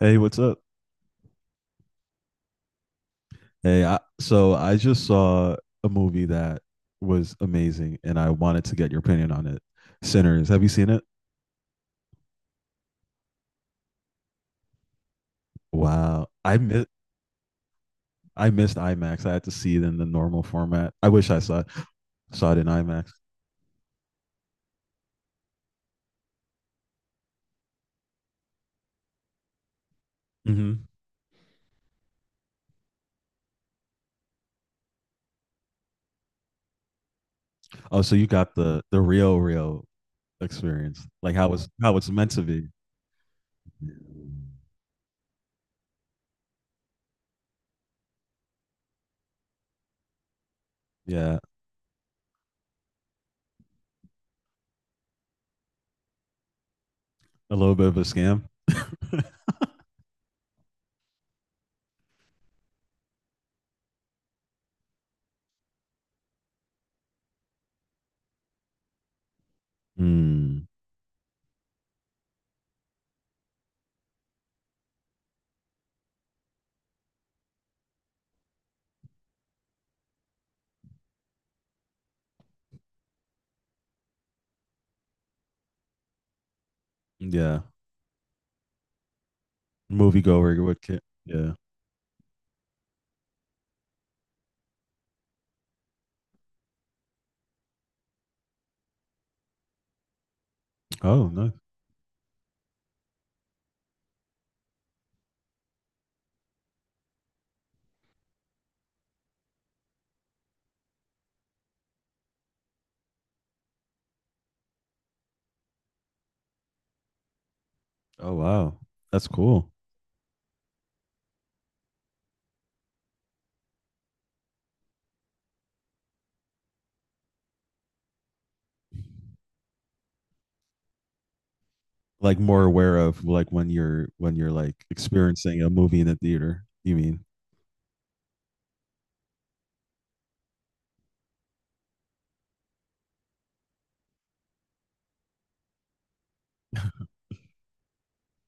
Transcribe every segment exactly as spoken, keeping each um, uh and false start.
Hey, what's up? Hey, I, so I just saw a movie that was amazing, and I wanted to get your opinion on it. Sinners, have you seen it? Wow, I mi- I missed IMAX. I had to see it in the normal format. I wish I saw it, saw it in IMAX. Hmm. Oh, so you got the the real real experience, like how it's how it's meant to be. Yeah, a little bit of a scam. Mm, yeah, moviegoer would. ca- Yeah. Oh no. Oh wow, that's cool. Like more aware of like when you're when you're like experiencing a movie in the theater, you mean?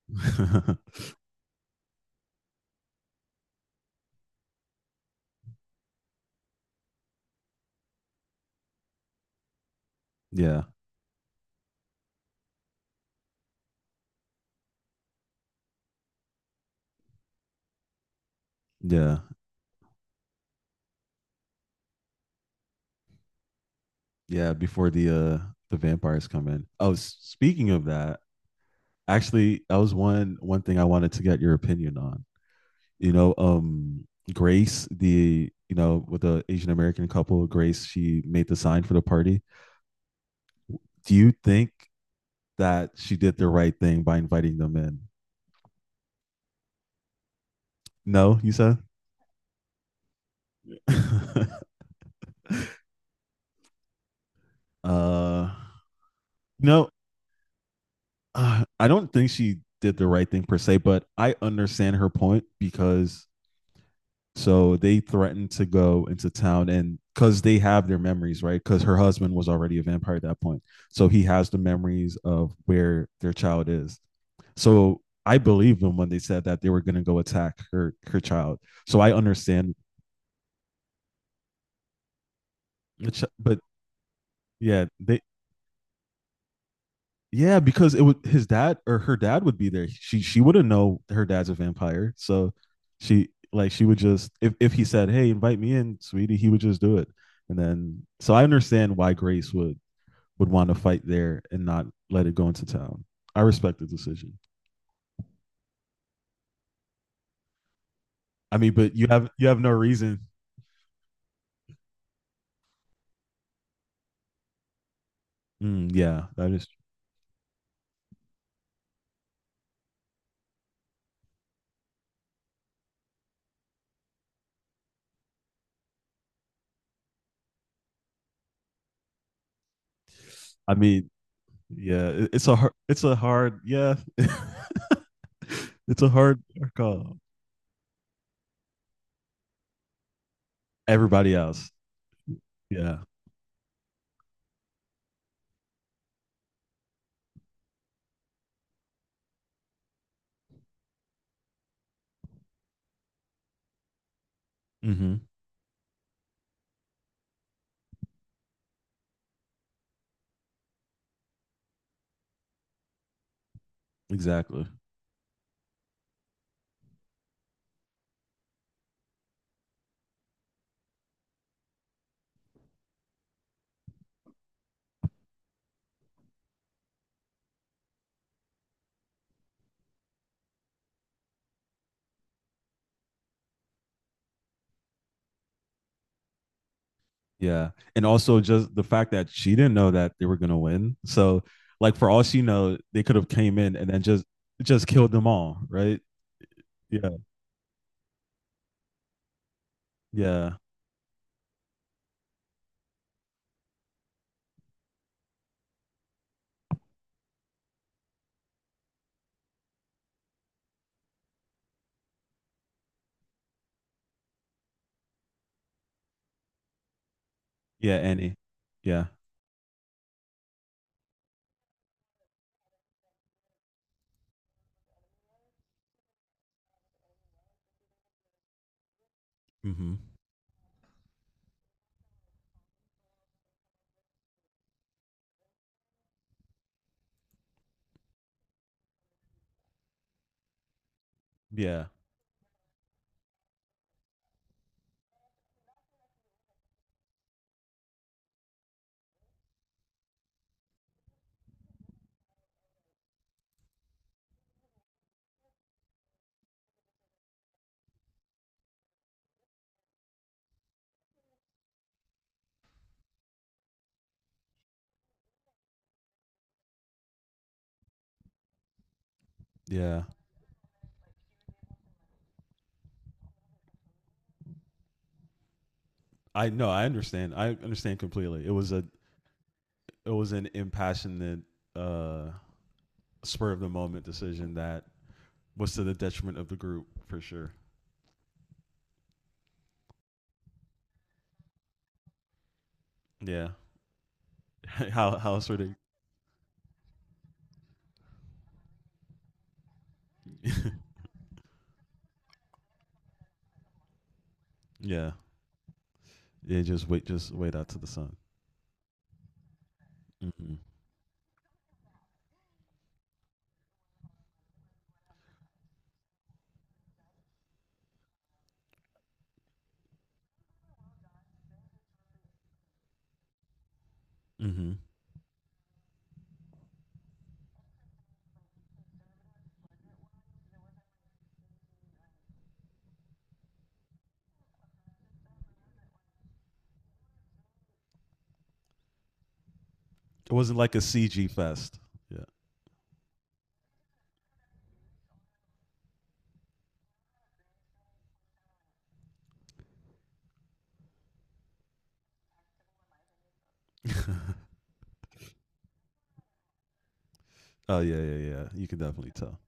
Yeah, yeah, yeah, before the uh the vampires come in. Oh, s- speaking of that, actually, that was one one thing I wanted to get your opinion on. you know um Grace, the you know with the Asian American couple, Grace, she made the sign for the party. Do you think that she did the right thing by inviting them in? No, you said. uh no. uh, I don't think she did the right thing per se, but I understand her point because so they threatened to go into town, and because they have their memories, right? Because her husband was already a vampire at that point. So he has the memories of where their child is. So I believe them when they said that they were going to go attack her her child. So I understand, but yeah, they Yeah, because it would, his dad or her dad would be there. She she wouldn't know her dad's a vampire, so she, like, she would just, if if he said, "Hey, invite me in, sweetie," he would just do it. And then so I understand why Grace would would want to fight there and not let it go into town. I respect the decision. I mean, but you have you have no reason. Mm, yeah, that is. I mean, yeah, it- it's a hard, it's a hard, yeah, it's a hard call. Everybody else, yeah. Hmm. Exactly. Yeah. And also just the fact that she didn't know that they were gonna win. So like for all she know, they could have came in and then just just killed them all, right? Yeah. Yeah. Yeah, Annie. Yeah. Mm-hmm. Yeah. Yeah. I know, I understand. I understand completely. It was a it was an impassionate uh spur of the moment decision that was to the detriment of the group for sure. Yeah. how how sort of. Yeah. Yeah, just wait just wait out to the sun. Mm-hmm. Mm-hmm. It wasn't like a C G fest. Yeah. Oh yeah, yeah, yeah. You can definitely tell.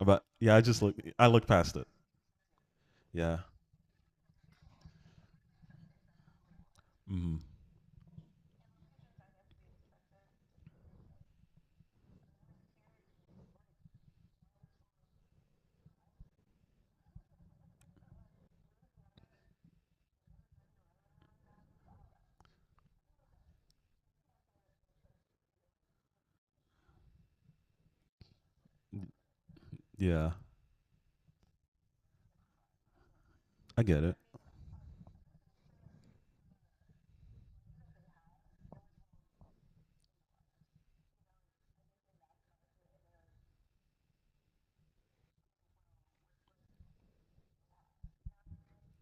But yeah, I just look. I look past it. Yeah. Mm. Yeah. I get it.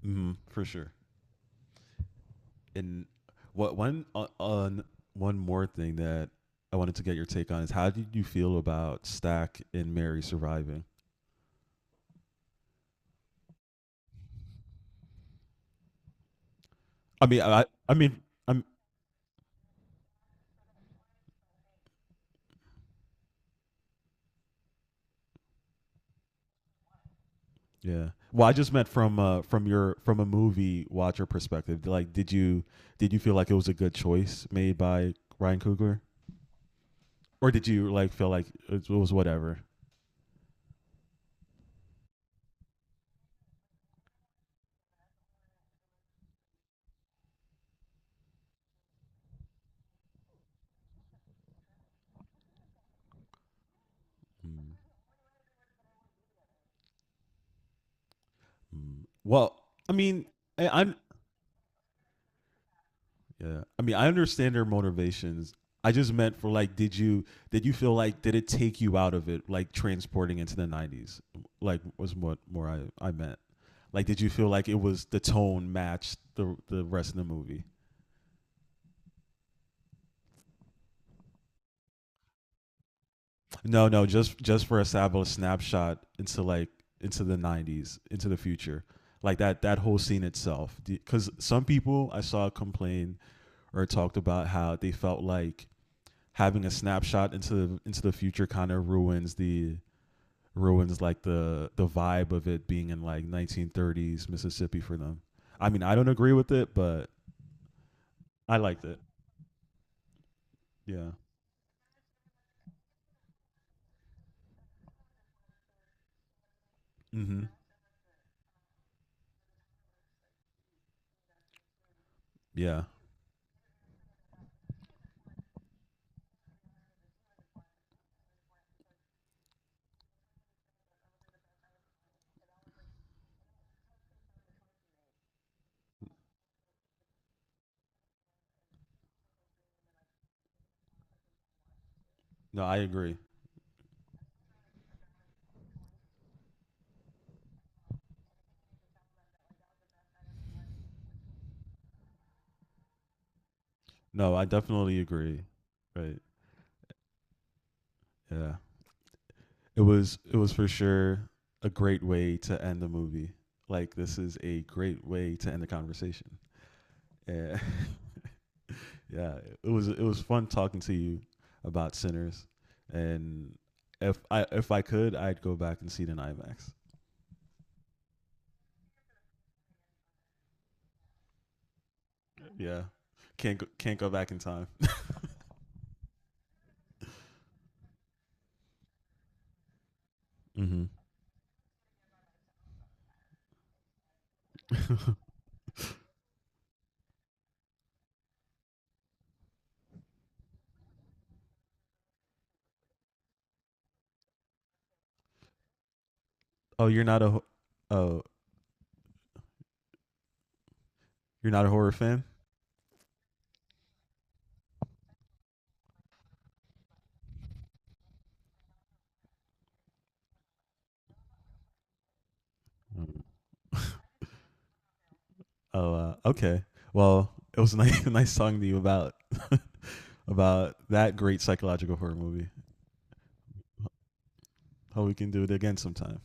Mm. For sure. And what one on, on one more thing that I wanted to get your take on is how did you feel about Stack and Mary surviving? I mean, I I mean, I'm yeah. Well, I just meant from, uh, from your from a movie watcher perspective. Like, did you did you feel like it was a good choice made by Ryan Coogler, or did you like feel like it was whatever? Mm-hmm. Well, I mean, I, I'm yeah. I mean, I understand their motivations. I just meant for, like, did you did you feel like did it take you out of it, like transporting into the nineties? Like, was what more I I meant. Like, did you feel like it was the tone matched the the rest of the movie? No, no, just just for a snapshot into, like, into the nineties, into the future, like that that whole scene itself. Because some people I saw complain or talked about how they felt like having a snapshot into into the future kind of ruins the ruins, like, the the vibe of it being in like nineteen thirties Mississippi for them. I mean, I don't agree with it, but I liked it. Yeah. Mhm. Yeah. No, I agree. No, I definitely agree. Right. Yeah. It was it was for sure a great way to end the movie. Like this is a great way to end the conversation. Yeah. Yeah, it was it was fun talking to you about Sinners, and if I if I could, I'd go back and see it in IMAX. Yeah, can't go, can't go back in time. Mm-hmm. Oh, you're not a oh you're not a horror fan. Oh, uh, okay. Well, it was nice nice talking to you about about that great psychological horror movie. Hope we can do it again sometime.